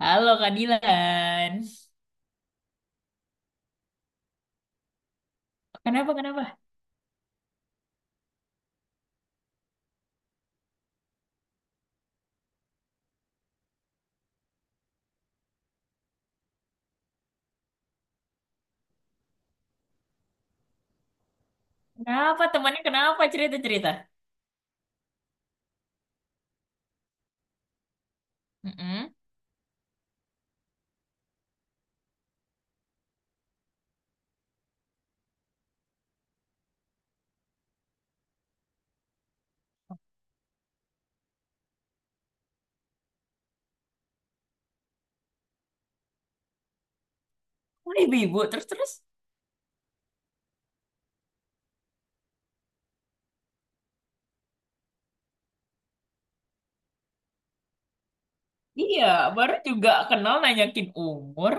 Halo Kak Dilan. Kenapa, kenapa? Kenapa temannya, kenapa cerita-cerita? Mm-mm. Oh, ibu-ibu, terus-terus. Iya, baru juga kenal nanyakin umur.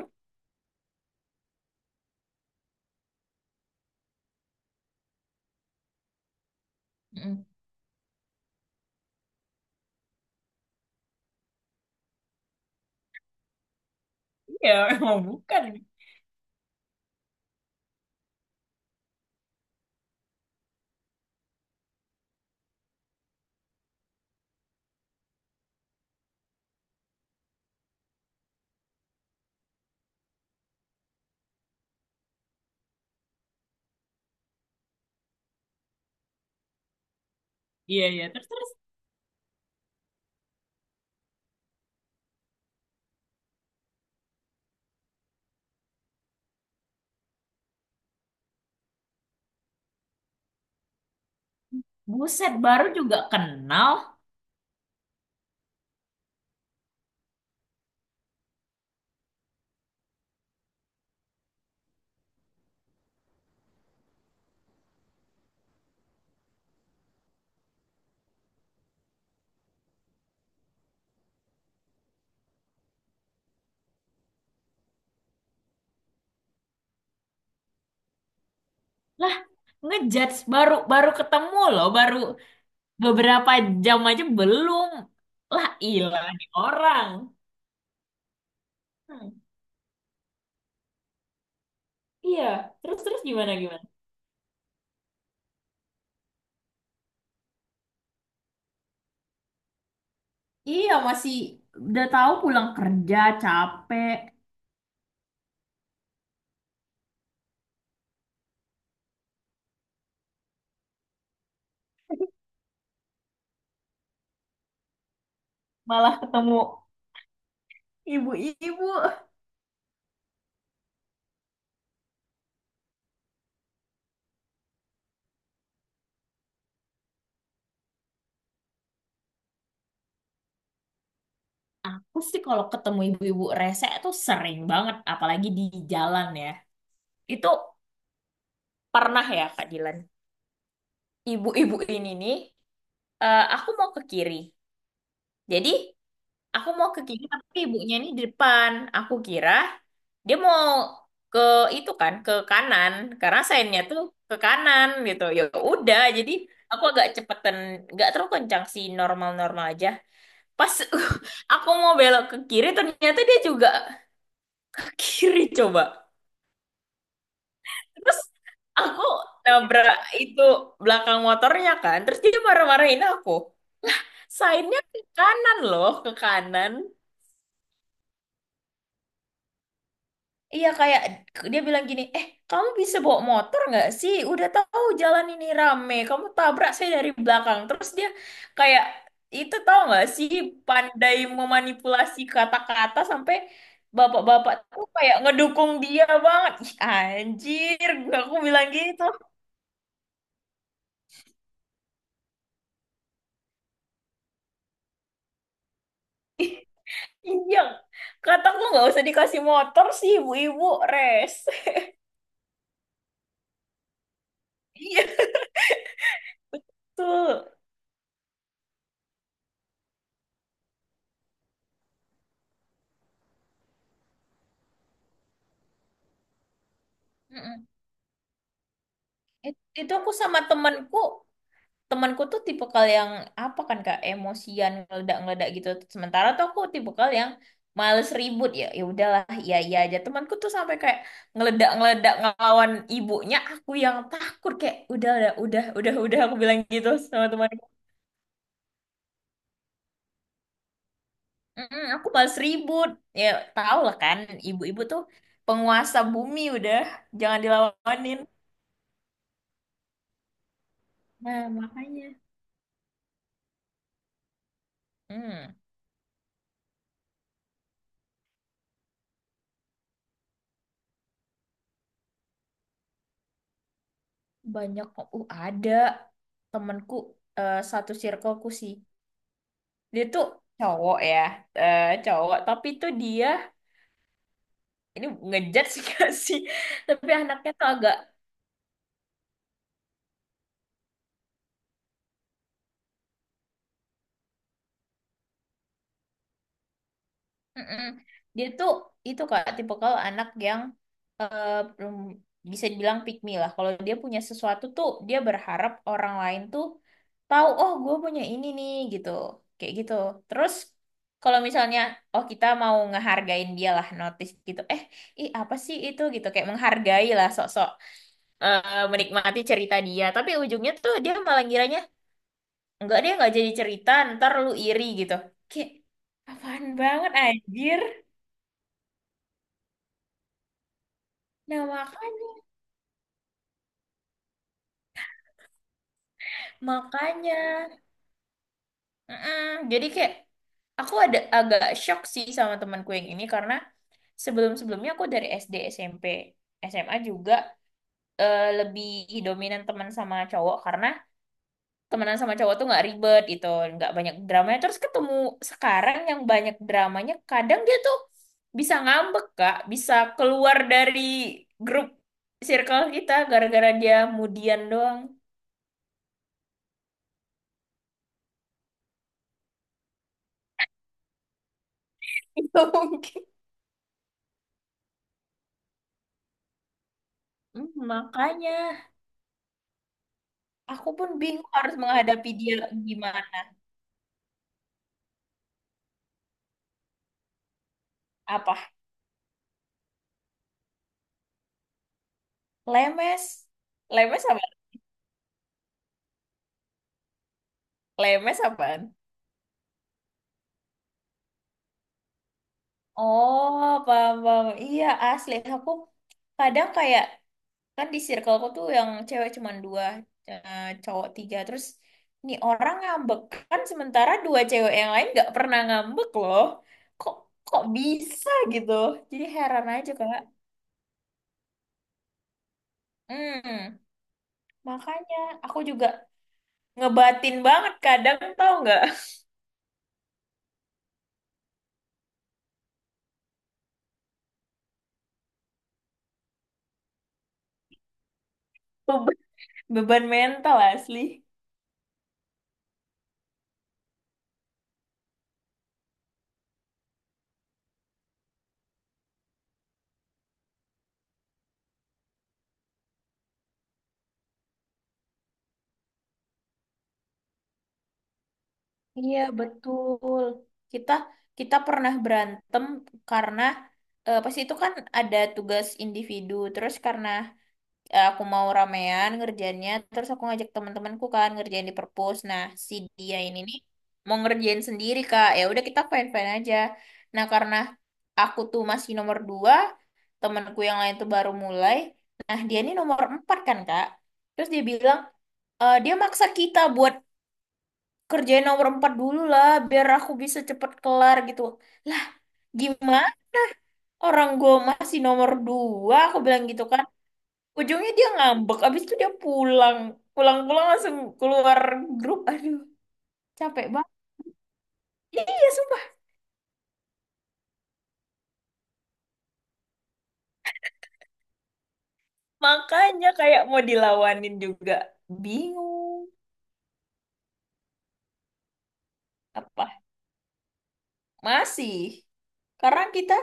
Mm-mm. Iya, emang bukan. Iya, iya, terus-terus. Buset, baru juga kenal. Lah, ngejudge baru baru ketemu loh, baru beberapa jam aja belum. Lah, ilah nih orang. Hmm. Iya, terus-terus, gimana gimana? Iya, masih udah tahu pulang kerja capek. Malah ketemu ibu-ibu. Aku sih kalau ketemu ibu-ibu rese tuh sering banget, apalagi di jalan ya. Itu pernah ya Kak Dilan, ibu-ibu ini nih, aku mau ke kiri. Jadi aku mau ke kiri tapi ibunya ini di depan, aku kira dia mau ke itu, kan ke kanan, karena sainnya tuh ke kanan gitu ya. Udah, jadi aku agak cepetan, nggak terlalu kencang sih, normal-normal aja. Pas aku mau belok ke kiri, ternyata dia juga ke kiri coba. Terus aku nabrak itu belakang motornya kan. Terus dia marah-marahin aku. Sainnya ke kanan loh, ke kanan. Iya kayak dia bilang gini, eh kamu bisa bawa motor nggak sih? Udah tahu jalan ini rame, kamu tabrak saya dari belakang. Terus dia kayak, itu tahu nggak sih, pandai memanipulasi kata-kata sampai bapak-bapak tuh kayak ngedukung dia banget. Ih, anjir, gua- aku bilang gitu. Iya, kataku nggak usah dikasih motor sih ibu-ibu res. Iya tuh. Mm-mm. It- Itu aku sama temanku, temanku tuh tipikal yang apa kan kak, emosian, ngeledak-ngeledak gitu. Sementara tuh aku tipikal yang males ribut, ya ya udahlah, iya iya aja. Temanku tuh sampai kayak ngeledak-ngeledak ngelawan ibunya, aku yang takut kayak udah aku bilang gitu sama temanku. "Mm, aku males ribut ya, tau lah kan ibu-ibu tuh penguasa bumi, udah jangan dilawanin. Nah makanya. Hmm, banyak kok. Ada temanku, satu circleku sih. Dia tuh cowok ya, cowok. Tapi tuh dia ini ngejudge gak sih? Tapi anaknya tuh agak, mm-mm. Dia tuh itu kak, tipe kalau anak yang eh, belum- bisa dibilang pick me lah. Kalau dia punya sesuatu tuh dia berharap orang lain tuh tahu, oh gue punya ini nih gitu, kayak gitu. Terus kalau misalnya, oh kita mau ngehargain dia lah, notice gitu. Eh, ih apa sih itu gitu, kayak menghargai lah sok, menikmati cerita dia, tapi ujungnya tuh dia malah ngiranya enggak, dia nggak jadi cerita, ntar lu iri gitu, kayak apaan banget anjir. Nah makanya, makanya mm-mm. Jadi kayak aku ada agak shock sih sama temanku yang ini, karena sebelum-sebelumnya aku dari SD SMP SMA juga, lebih dominan teman sama cowok karena temenan sama cowok tuh nggak ribet gitu, nggak banyak dramanya. Terus ketemu sekarang yang banyak dramanya, kadang dia tuh bisa ngambek kak, bisa keluar dari grup circle kita gara-gara dia mudian doang. Itu mungkin. Hmm, makanya aku pun bingung harus menghadapi dia gimana. Apa lemes, lemes apa, lemes apaan. Oh paham, paham. Iya asli, aku kadang kayak, kan di circleku tuh yang cewek cuman dua, cowok tiga. Terus nih orang ngambek kan, sementara dua cewek yang lain nggak pernah ngambek loh. Kok, kok bisa gitu, jadi heran aja kak. Hmm makanya, aku juga ngebatin banget kadang, tau nggak. Beban, beban mental asli. Iya, betul. Kita, kita pernah berantem karena pas itu kan ada tugas individu. Terus karena aku mau ramean ngerjainnya, terus aku ngajak teman-temanku kan ngerjain di perpus. Nah si dia ini nih mau ngerjain sendiri kak, ya udah kita fine fine aja. Nah karena aku tuh masih nomor dua, temanku yang lain tuh baru mulai, nah dia ini nomor empat kan kak. Terus dia bilang, e, dia maksa kita buat kerjain nomor empat dulu lah biar aku bisa cepet kelar gitu. Lah gimana, orang gue masih nomor dua aku bilang gitu kan. Ujungnya dia ngambek, abis itu dia pulang. Pulang-pulang langsung keluar grup. Aduh, capek banget. Iya, sumpah. Makanya kayak mau dilawanin juga. Bingung. Apa? Masih. Karena kita,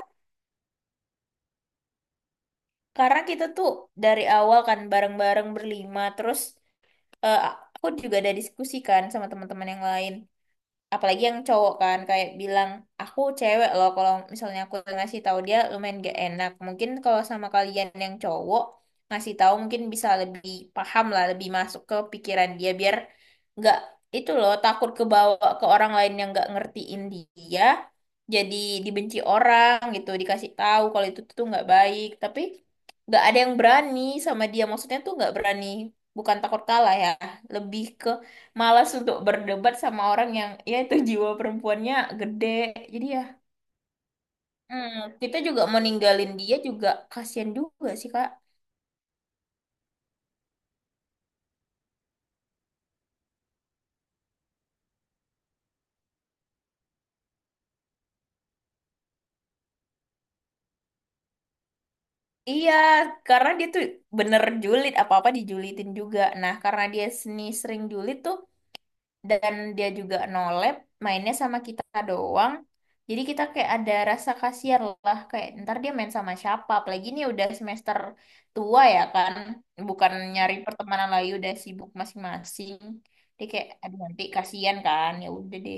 karena kita tuh dari awal kan bareng-bareng berlima. Terus eh, aku juga ada diskusi kan sama teman-teman yang lain. Apalagi yang cowok, kan kayak bilang, aku cewek loh, kalau misalnya aku ngasih tahu dia lumayan gak enak, mungkin kalau sama kalian yang cowok ngasih tahu mungkin bisa lebih paham lah, lebih masuk ke pikiran dia, biar nggak itu loh, takut kebawa ke orang lain yang nggak ngertiin dia, jadi dibenci orang gitu. Dikasih tahu kalau itu tuh nggak baik, tapi nggak ada yang berani sama dia, maksudnya tuh nggak berani, bukan takut kalah ya, lebih ke malas untuk berdebat sama orang yang ya itu, jiwa perempuannya gede. Jadi ya, hmm, kita juga mau ninggalin dia juga kasihan juga sih kak. Iya karena dia tuh bener julid, apa apa dijulitin juga. Nah karena dia seni sering julid tuh, dan dia juga no lab, mainnya sama kita doang, jadi kita kayak ada rasa kasihan lah, kayak ntar dia main sama siapa, apalagi ini udah semester tua ya kan, bukan nyari pertemanan lagi, udah sibuk masing-masing. Dia kayak aduh nanti kasihan, kan ya udah deh.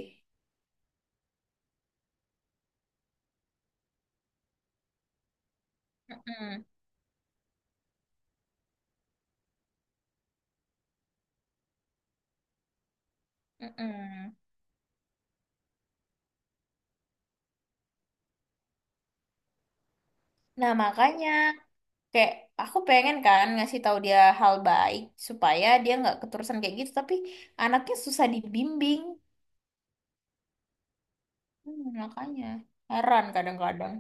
Mm-mm, mm-mm. Nah makanya kayak aku pengen kan ngasih tahu dia hal baik supaya dia nggak keterusan kayak gitu, tapi anaknya susah dibimbing. Hmm, makanya heran kadang-kadang.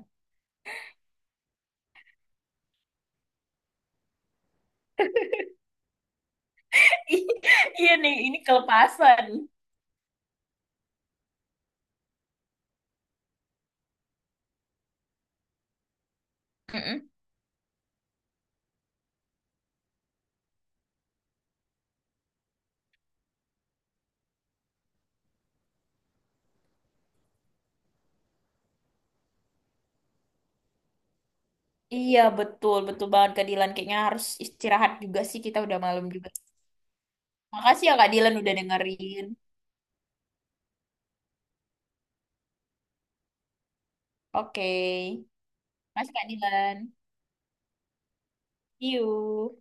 Iya nih, ini kelepasan. Mm-mm. Iya, betul, betul banget Kak Dilan. Kayaknya harus istirahat juga sih, kita udah malam juga. Makasih ya Kak Dilan udah dengerin. Oke, makasih Kak Dilan. See you.